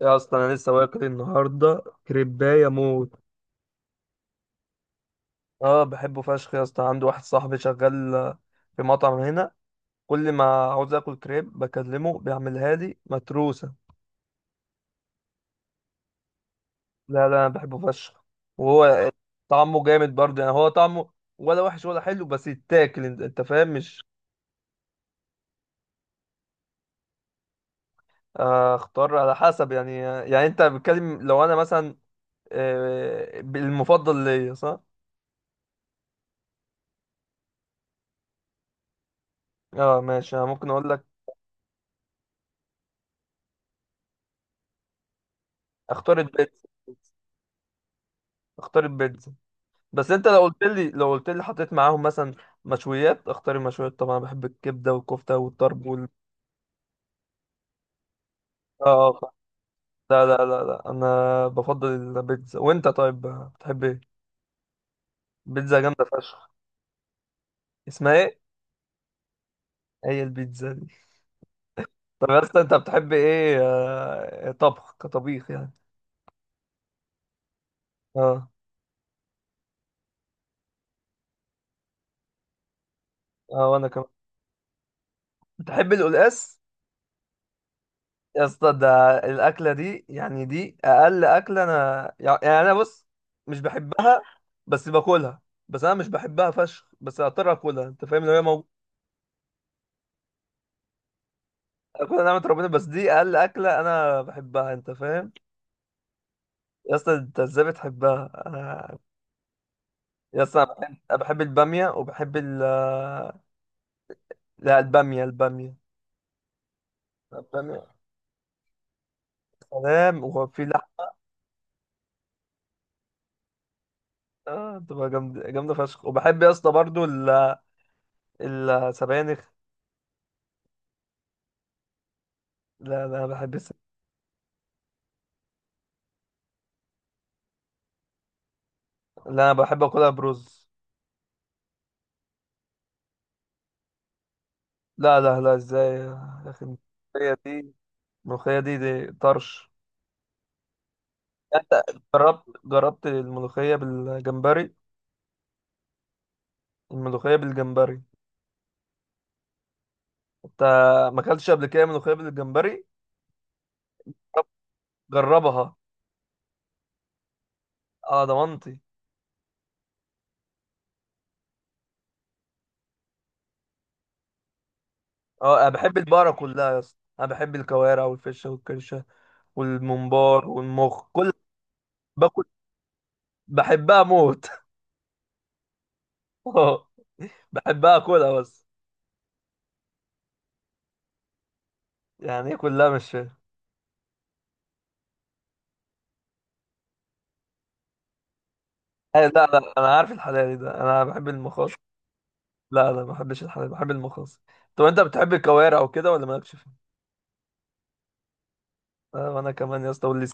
يا اسطى، انا لسه واكل النهارده كريبايه موت. اه، بحبه فشخ يا اسطى، عندي واحد صاحبي شغال، في مطعم هنا. كل ما عاوز اكل كريب بكلمه، بيعملها لي متروسه. لا، لا، انا بحبه فشخ، وهو... طعمه جامد برضه، يعني هو طعمه ولا وحش ولا حلو، بس يتاكل. أنت فاهم، مش... اختار على حسب. يعني انت بتكلم، لو انا مثلا... آه، المفضل ليا، صح؟ اه، ماشي، انا ممكن اقول لك. اختار البيتزا. اختار البيتزا. بس انت لو قلت لي حطيت معاهم مثلا مشويات، اختار المشويات طبعا. بحب الكبده والكفته والطرب وال... اه، اه. لا، لا، لا، لا، انا بفضل البيتزا. وانت طيب، بتحب ايه؟ بيتزا جامده فشخ. اسمها ايه؟ هي البيتزا دي. طب يا اسطى، انت بتحب ايه طبخ كطبيخ يعني؟ اه. اه، وانا كمان. بتحب القلقاس؟ يا اسطى، ده الاكله دي يعني، دي اقل اكله انا، يعني انا بص... مش بحبها، بس باكلها. بس انا مش بحبها فشخ، بس اضطر اكلها، انت فاهم، لو هي موجوده. اكلها نعمه ربنا، بس دي اقل اكله انا بحبها، انت فاهم. يا اسطى انت ازاي بتحبها؟ انا... يا اسطى انا بحب... أنا بحب الباميه وبحب ال... لا، الباميه، الباميه. الباميه، سلام، وفي لحمه. بتبقى جامده جامده فشخ. وبحب يا اسطى برضو ال- السبانخ. لا، لا، بحب. لا، انا بحب اكلها برز. لا، لا، لا، ازاي يا اخي؟ الملوخية دي. الملوخية دي طرش. يعني... جربت الملوخية بالجمبري؟ الملوخية بالجمبري. انت... ما اكلتش قبل كده ملوخية بالجمبري؟ جربها. اه، ضمنتي. اه، انا بحب البقرة كلها يا اسطى. انا بحب الكوارع والفشة والكرشة والممبار والمخ، كل... باكل. بحبها موت. اه. بحبها، اكلها بس. يعني إيه كلها؟ مش فاهم. لا، لا، انا عارف الحلال ده، انا بحب المخاص. لا، لا، ما بحبش الحلال، بحب المخلص. طب انت بتحب الكوارع وكده ولا مالكش فيها؟ آه، وانا كمان يا اسطى، واللي...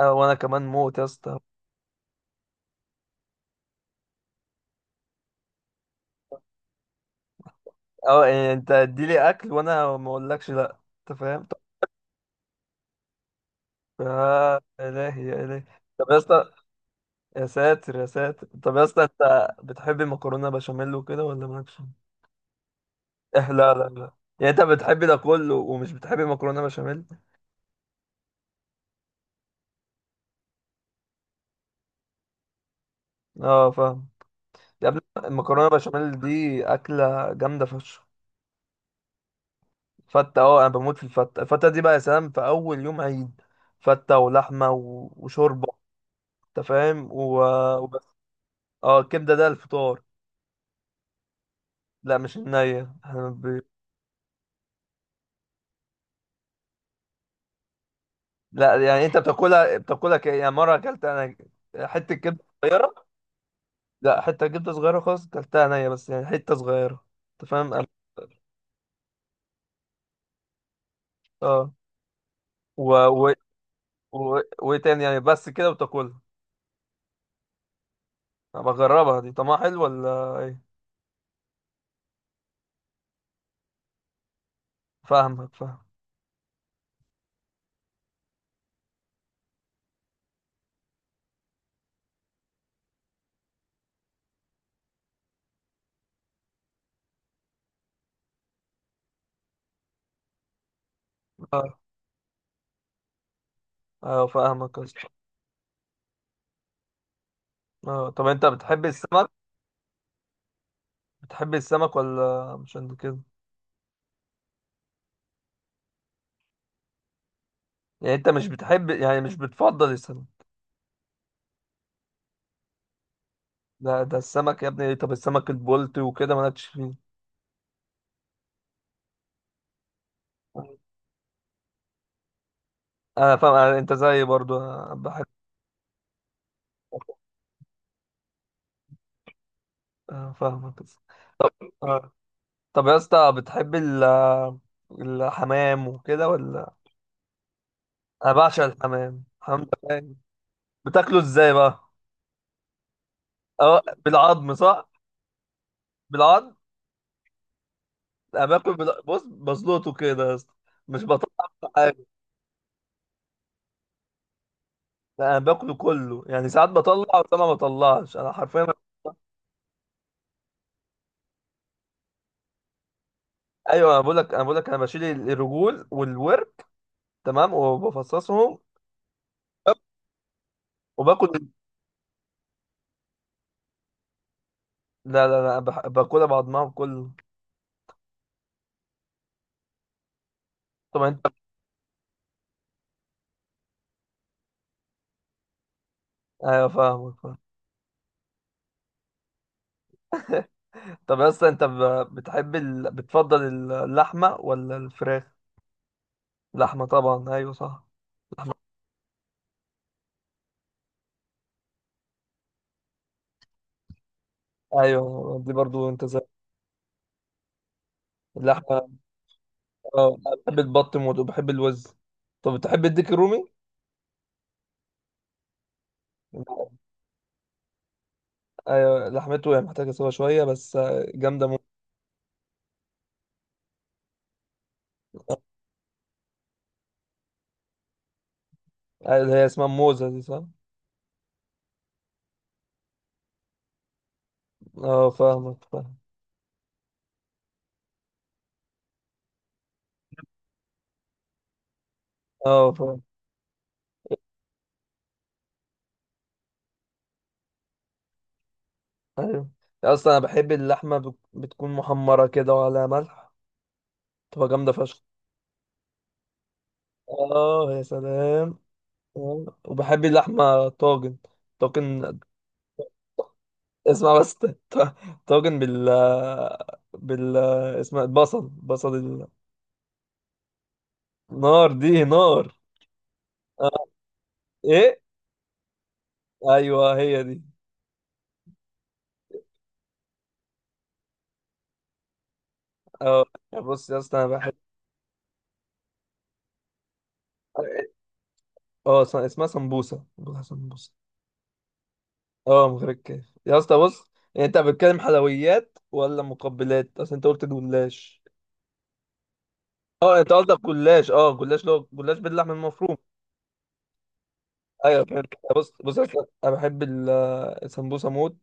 آه، وانا كمان موت يا اسطى. اه، يعني انت اديلي اكل وانا ما اقولكش لا. انت فاهم؟ طب... يا الهي، يا الهي. طب يا اسطى... يا ساتر، يا ساتر. طب يا اسطى انت بتحب مكرونه بشاميل وكده ولا مالكش فيها؟ اه، لا، لا، لا. يعني انت بتحب ده كله ومش بتحب مكرونه بشاميل؟ اه، فاهم. يا ابني، المكرونه بشاميل دي اكله جامده فشخ. فتة، اه انا بموت في الفتة. الفتة دي بقى يا سلام في اول يوم عيد، فتة ولحمة و- وشوربة. انت فاهم، و... وبس. اه، الكبدة ده الفطار. لا، مش النية، احنا ب... لا، يعني انت بتاكلها يعني مرة اكلت انا حتة كبدة صغيرة. لا، حتة كبدة صغيرة خالص، اكلتها نية، بس يعني حتة صغيرة. انت فاهم. اه، و... و... وايه تاني يعني؟ بس كده وتاكلها. انا بجربها دي، طعمها حلو ولا ايه؟ فاهمك، فاهم. اه، اه، فاهمك يا اسطى. اه، طب انت بتحب السمك؟ بتحب السمك ولا مش قد كده؟ يعني انت مش بتحب، يعني مش بتفضل السمك. لا، ده السمك يا ابني. طب السمك البولت وكده مالكش فيه؟ انا فاهم، انت زيي برضو، أنا بحب... أنا فاهمك. آه. طب يا اسطى، بتحب ال... الحمام وكده ولا... انا بعشق الحمام. الحمام ده فاهم. بتاكله ازاي بقى؟ اه، بالعظم، صح؟ بالعظم. انا باكل بص، بزلطه كده يا اسطى. مش بطلع. لا، انا باكله كله، يعني ساعات بطلع وساعات ما بطلعش انا حرفيا. ايوه، انا بقول لك انا بشيل الرجول والورك. تمام، وبفصصهم. وباكل... لا، لا، لا، باكلها بعضمها كله. طب انت... ايوه، فاهمك، فاهم. طب اصلا، انت بتحب بتفضل اللحمه ولا الفراخ؟ لحمه طبعا، ايوه، صح. لحمه. ايوه، دي برضو انت زي... اللحمه. اه، أنا بحب البط موت وبحب الوز. طب بتحب الديك الرومي؟ ايوه، لحمته هي محتاجه سوا شويه بس. جامده موت. اللي هي اسمها موزة دي، صح؟ اه، فاهمك، فاهم. اه، فاهم. ايوه. اصلا انا بحب اللحمة بتكون محمرة كده، وعلى ملح. تبقى جامدة فشخ. اه، يا سلام. آه. وبحب اللحمة طاجن. طاجن. اسمع بس طاجن بال... بال... اسمها البصل، بصل. النار دي نار. آه. ايه؟ ايوه، هي دي. اه، بص يا اسطى، انا بحب... اه، اسمها سمبوسة، بقولها سمبوسة. اه، متركز يا اسطى. بص، يعني انت بتتكلم حلويات ولا مقبلات؟ اصل انت قلت جلاش. اه، انت قصدك جلاش؟ اه، جلاش، لو جلاش باللحم المفروم. ايوه، فهمت. بص بص يا اسطى، انا بحب ال- السمبوسه موت.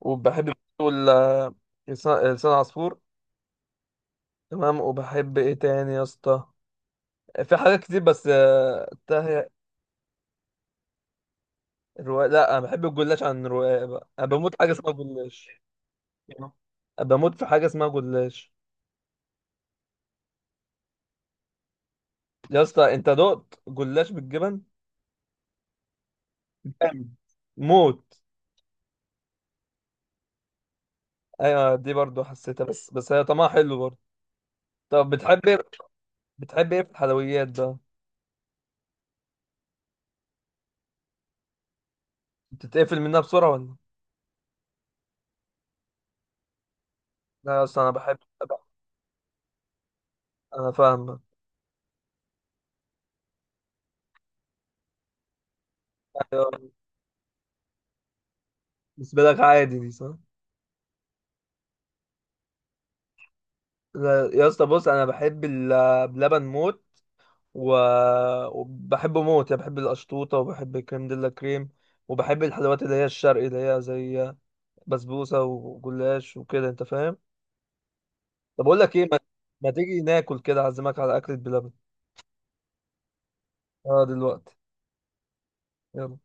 وبحب برضه ال- لسان عصفور. تمام، وبحب ايه تاني يا اسطى؟ في حاجات كتير، بس تاه. الرواق؟ لا، انا بحب الجلاش عن الرواق بقى. انا بموت حاجه اسمها جلاش. بموت في حاجه اسمها جلاش. يا اسطى انت دقت جلاش بالجبن؟ جامد. موت. ايوه، دي برضو حسيتها، بس هي طعمها حلو برضو. طب بتحب ايه؟ بتحب ايه في الحلويات بقى؟ بتتقفل منها بسرعة ولا...؟ لا، اصلا انا بحب... انا فاهمك. أيوة. بالنسبة لك عادي دي، صح؟ لا، يا اسطى، بص، انا بحب بلبن موت. و... وبحبه موت، يعني بحب القشطوطة وبحب الكريم ديلا كريم. وبحب الحلويات اللي هي الشرقي، اللي هي زي بسبوسة وجلاش وكده، انت فاهم. طب اقول لك ايه؟ ما... ما تيجي ناكل كده، اعزمك على اكلة بلبن. اه، دلوقتي. يلا.